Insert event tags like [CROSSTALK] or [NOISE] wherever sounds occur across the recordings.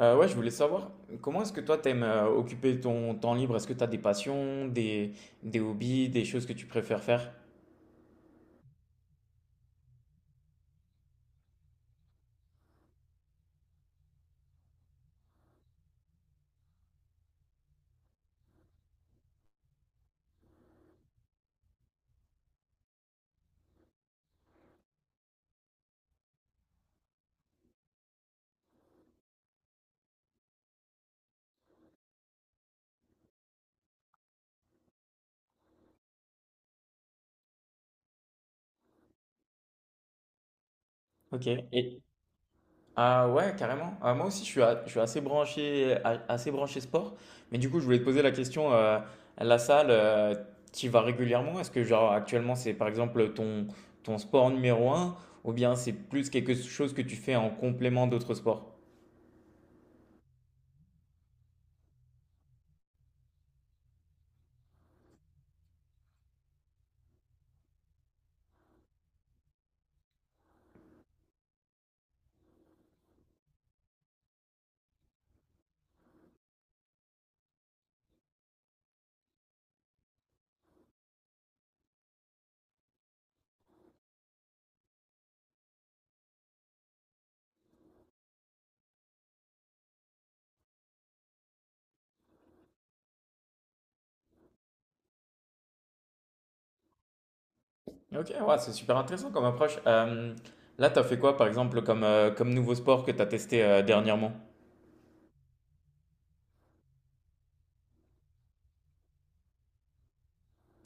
Ouais, je voulais savoir, comment est-ce que toi t'aimes occuper ton temps libre? Est-ce que t'as des passions, des hobbies, des choses que tu préfères faire? Ok. Et ah ouais, carrément. Ah, moi aussi, je suis assez assez branché sport. Mais du coup, je voulais te poser la question, la salle, tu y vas régulièrement? Est-ce que genre actuellement c'est par exemple ton sport numéro un, ou bien c'est plus quelque chose que tu fais en complément d'autres sports? Ok, ouais, c'est super intéressant comme approche. Là, t'as fait quoi, par exemple, comme, comme nouveau sport que t'as testé dernièrement?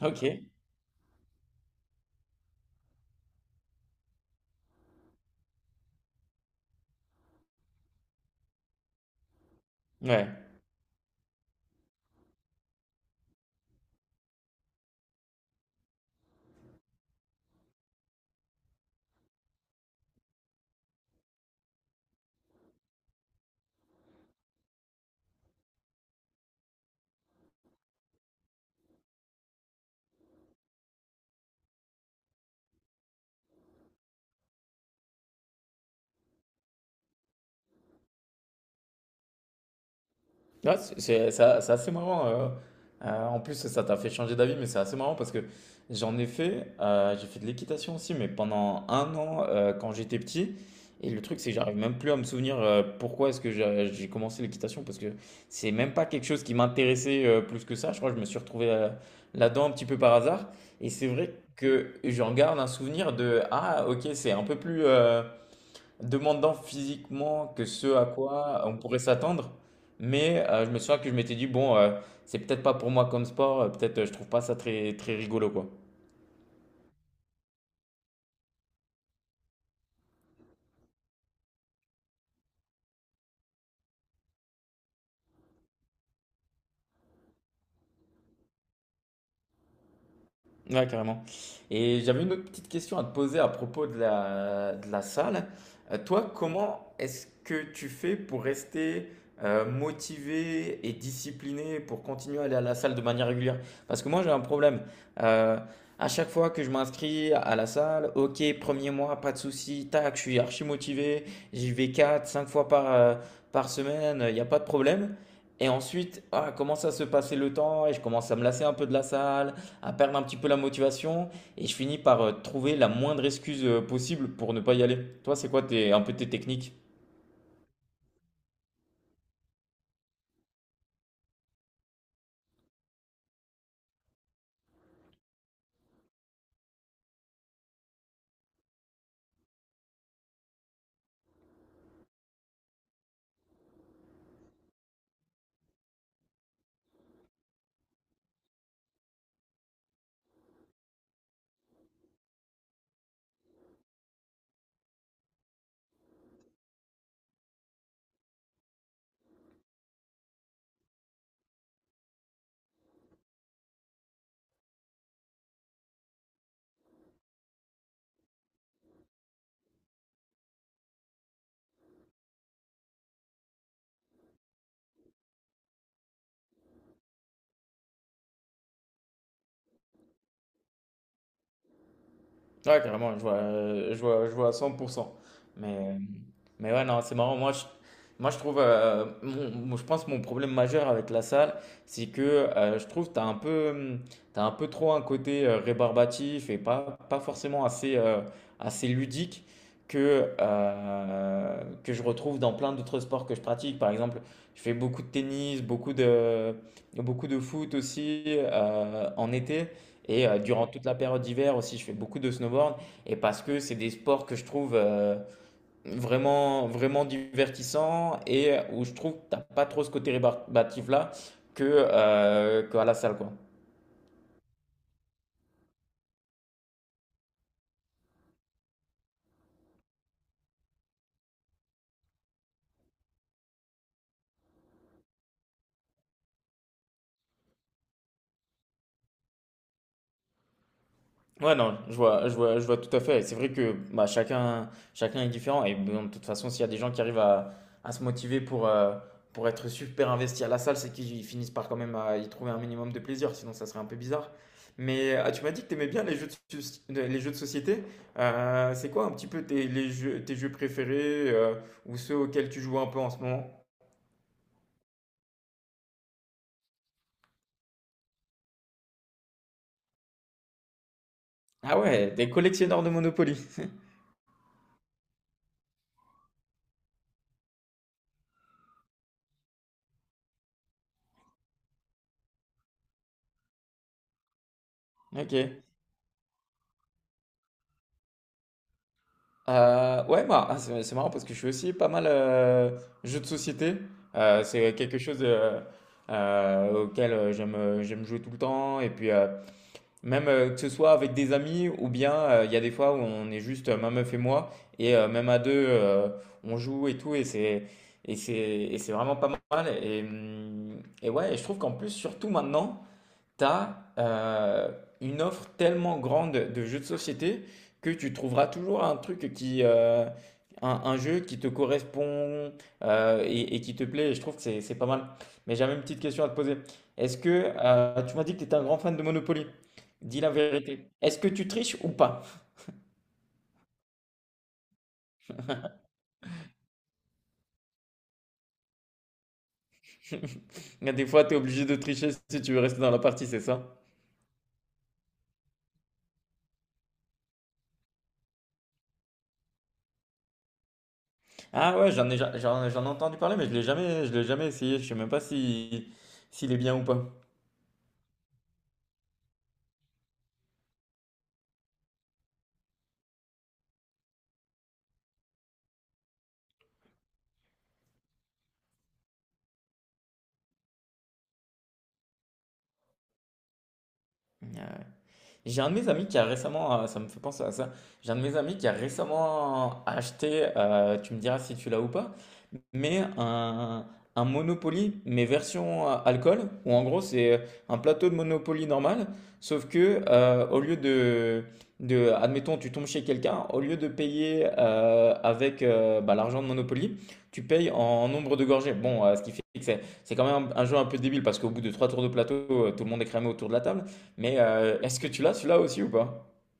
Ok, ouais. Ouais, c'est assez marrant. En plus, ça t'a fait changer d'avis, mais c'est assez marrant parce que j'en ai fait. J'ai fait de l'équitation aussi, mais pendant un an quand j'étais petit. Et le truc, c'est que j'arrive même plus à me souvenir pourquoi est-ce que j'ai commencé l'équitation parce que c'est même pas quelque chose qui m'intéressait plus que ça. Je crois que je me suis retrouvé là-dedans un petit peu par hasard. Et c'est vrai que j'en garde un souvenir de ah, ok, c'est un peu plus, demandant physiquement que ce à quoi on pourrait s'attendre. Mais je me souviens que je m'étais dit, bon, c'est peut-être pas pour moi comme sport, peut-être je trouve pas ça très, très rigolo, quoi. Ouais, carrément. Et j'avais une autre petite question à te poser à propos de de la salle. Toi, comment est-ce que tu fais pour rester motivé et discipliné pour continuer à aller à la salle de manière régulière? Parce que moi, j'ai un problème. Euh, à chaque fois que je m'inscris à la salle, ok, premier mois, pas de souci, tac, je suis archi motivé, j'y vais 4 5 fois par, par semaine, il n'y a pas de problème. Et ensuite, ah, commence à se passer le temps et je commence à me lasser un peu de la salle à perdre un petit peu la motivation et je finis par trouver la moindre excuse possible pour ne pas y aller. Toi, c'est quoi tes, un peu tes techniques? Ouais, carrément, je vois, je vois, je vois à 100%. Mais, mais ouais, non, c'est marrant. Moi, je trouve, je pense que mon problème majeur avec la salle, c'est que je trouve que tu as un peu, t'as un peu trop un côté rébarbatif et pas, pas forcément assez, assez ludique que je retrouve dans plein d'autres sports que je pratique. Par exemple, je fais beaucoup de tennis, beaucoup de foot aussi en été. Et durant toute la période d'hiver aussi, je fais beaucoup de snowboard. Et parce que c'est des sports que je trouve vraiment, vraiment divertissants et où je trouve que t'as pas trop ce côté rébarbatif là que, qu'à la salle, quoi. Ouais, non, je vois, je vois, je vois tout à fait. Et c'est vrai que bah, chacun, chacun est différent. Et bon, de toute façon, s'il y a des gens qui arrivent à se motiver pour être super investis à la salle, c'est qu'ils finissent par quand même à y trouver un minimum de plaisir. Sinon, ça serait un peu bizarre. Mais ah, tu m'as dit que tu aimais bien les les jeux de société. C'est quoi un petit peu tes jeux préférés ou ceux auxquels tu joues un peu en ce moment? Ah ouais, des collectionneurs de Monopoly. [LAUGHS] Ok. C'est marrant parce que je suis aussi pas mal jeux de société. C'est quelque chose auquel j'aime jouer tout le temps. Et puis, même que ce soit avec des amis ou bien il y a des fois où on est juste ma meuf et moi, et même à deux, on joue et tout, et c'est vraiment pas mal. Et, ouais, et je trouve qu'en plus, surtout maintenant, t'as une offre tellement grande de jeux de société que tu trouveras toujours un truc qui, un jeu qui te correspond et qui te plaît. Et je trouve que c'est pas mal. Mais j'avais une petite question à te poser. Est-ce que tu m'as dit que tu étais un grand fan de Monopoly? Dis la vérité. Est-ce que tu triches ou pas? [LAUGHS] Des fois, tu es obligé de tricher si tu veux rester dans la partie, c'est ça? Ah ouais, j'en ai entendu parler, mais je l'ai jamais essayé. Je sais même pas si, s'il est bien ou pas. Ah, j'ai un de mes amis qui a récemment, ça me fait penser à ça, j'ai un de mes amis qui a récemment acheté, tu me diras si tu l'as ou pas, mais un, un Monopoly, mais version alcool, où en gros c'est un plateau de Monopoly normal, sauf que de, admettons, tu tombes chez quelqu'un, au lieu de payer l'argent de Monopoly, tu payes en nombre de gorgées. Bon, ce qui fait que c'est quand même un jeu un peu débile parce qu'au bout de trois tours de plateau, tout le monde est cramé autour de la table, mais est-ce que tu l'as celui-là aussi ou pas? [LAUGHS]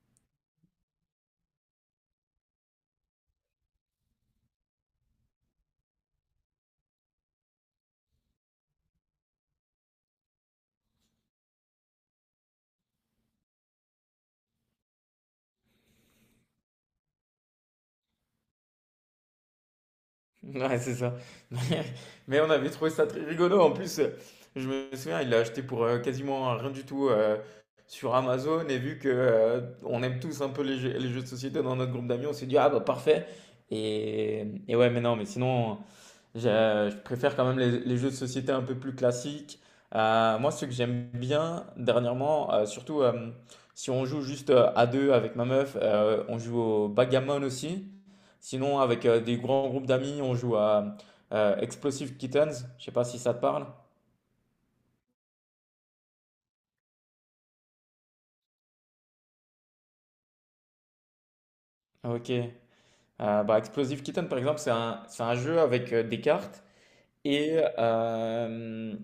Ouais, c'est ça. [LAUGHS] Mais on avait trouvé ça très rigolo. En plus, je me souviens, il l'a acheté pour quasiment rien du tout sur Amazon. Et vu que on aime tous un peu les jeux de société dans notre groupe d'amis, on s'est dit, ah bah parfait. Et ouais, mais non, mais sinon, Je, je préfère quand même les jeux de société un peu plus classiques. Moi, ce que j'aime bien dernièrement, surtout si on joue juste à deux avec ma meuf, on joue au backgammon aussi. Sinon, avec des grands groupes d'amis, on joue à Explosive Kittens. Je sais pas si ça te parle. Ok. Bah, Explosive Kitten, par exemple, c'est un jeu avec des cartes. Et, euh,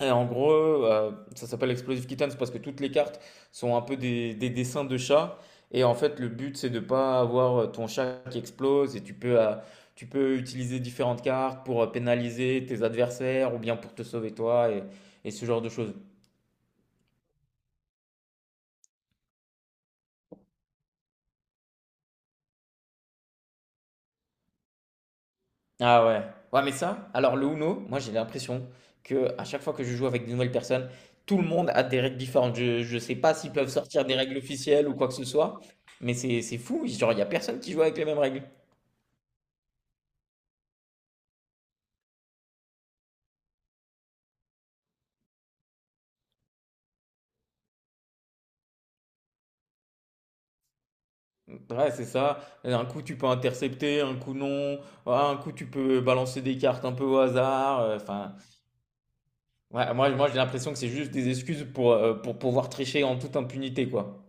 et en gros, ça s'appelle Explosive Kittens parce que toutes les cartes sont un peu des dessins de chats. Et en fait, le but, c'est de ne pas avoir ton chat qui explose. Et tu peux utiliser différentes cartes pour pénaliser tes adversaires ou bien pour te sauver et ce genre de choses. Ah ouais. Ouais, mais ça, alors le Uno, moi j'ai l'impression que à chaque fois que je joue avec de nouvelles personnes, tout le monde a des règles différentes. Je sais pas s'ils peuvent sortir des règles officielles ou quoi que ce soit, mais c'est fou. Genre, il y a personne qui joue avec les mêmes règles. Ouais, c'est ça. Un coup tu peux intercepter, un coup non. Ouais, un coup tu peux balancer des cartes un peu au hasard. Enfin, ouais, moi j'ai l'impression que c'est juste des excuses pour pouvoir tricher en toute impunité, quoi.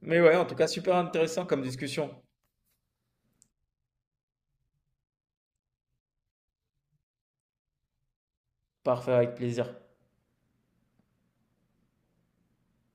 Mais ouais, en tout cas, super intéressant comme discussion. Parfait, avec plaisir.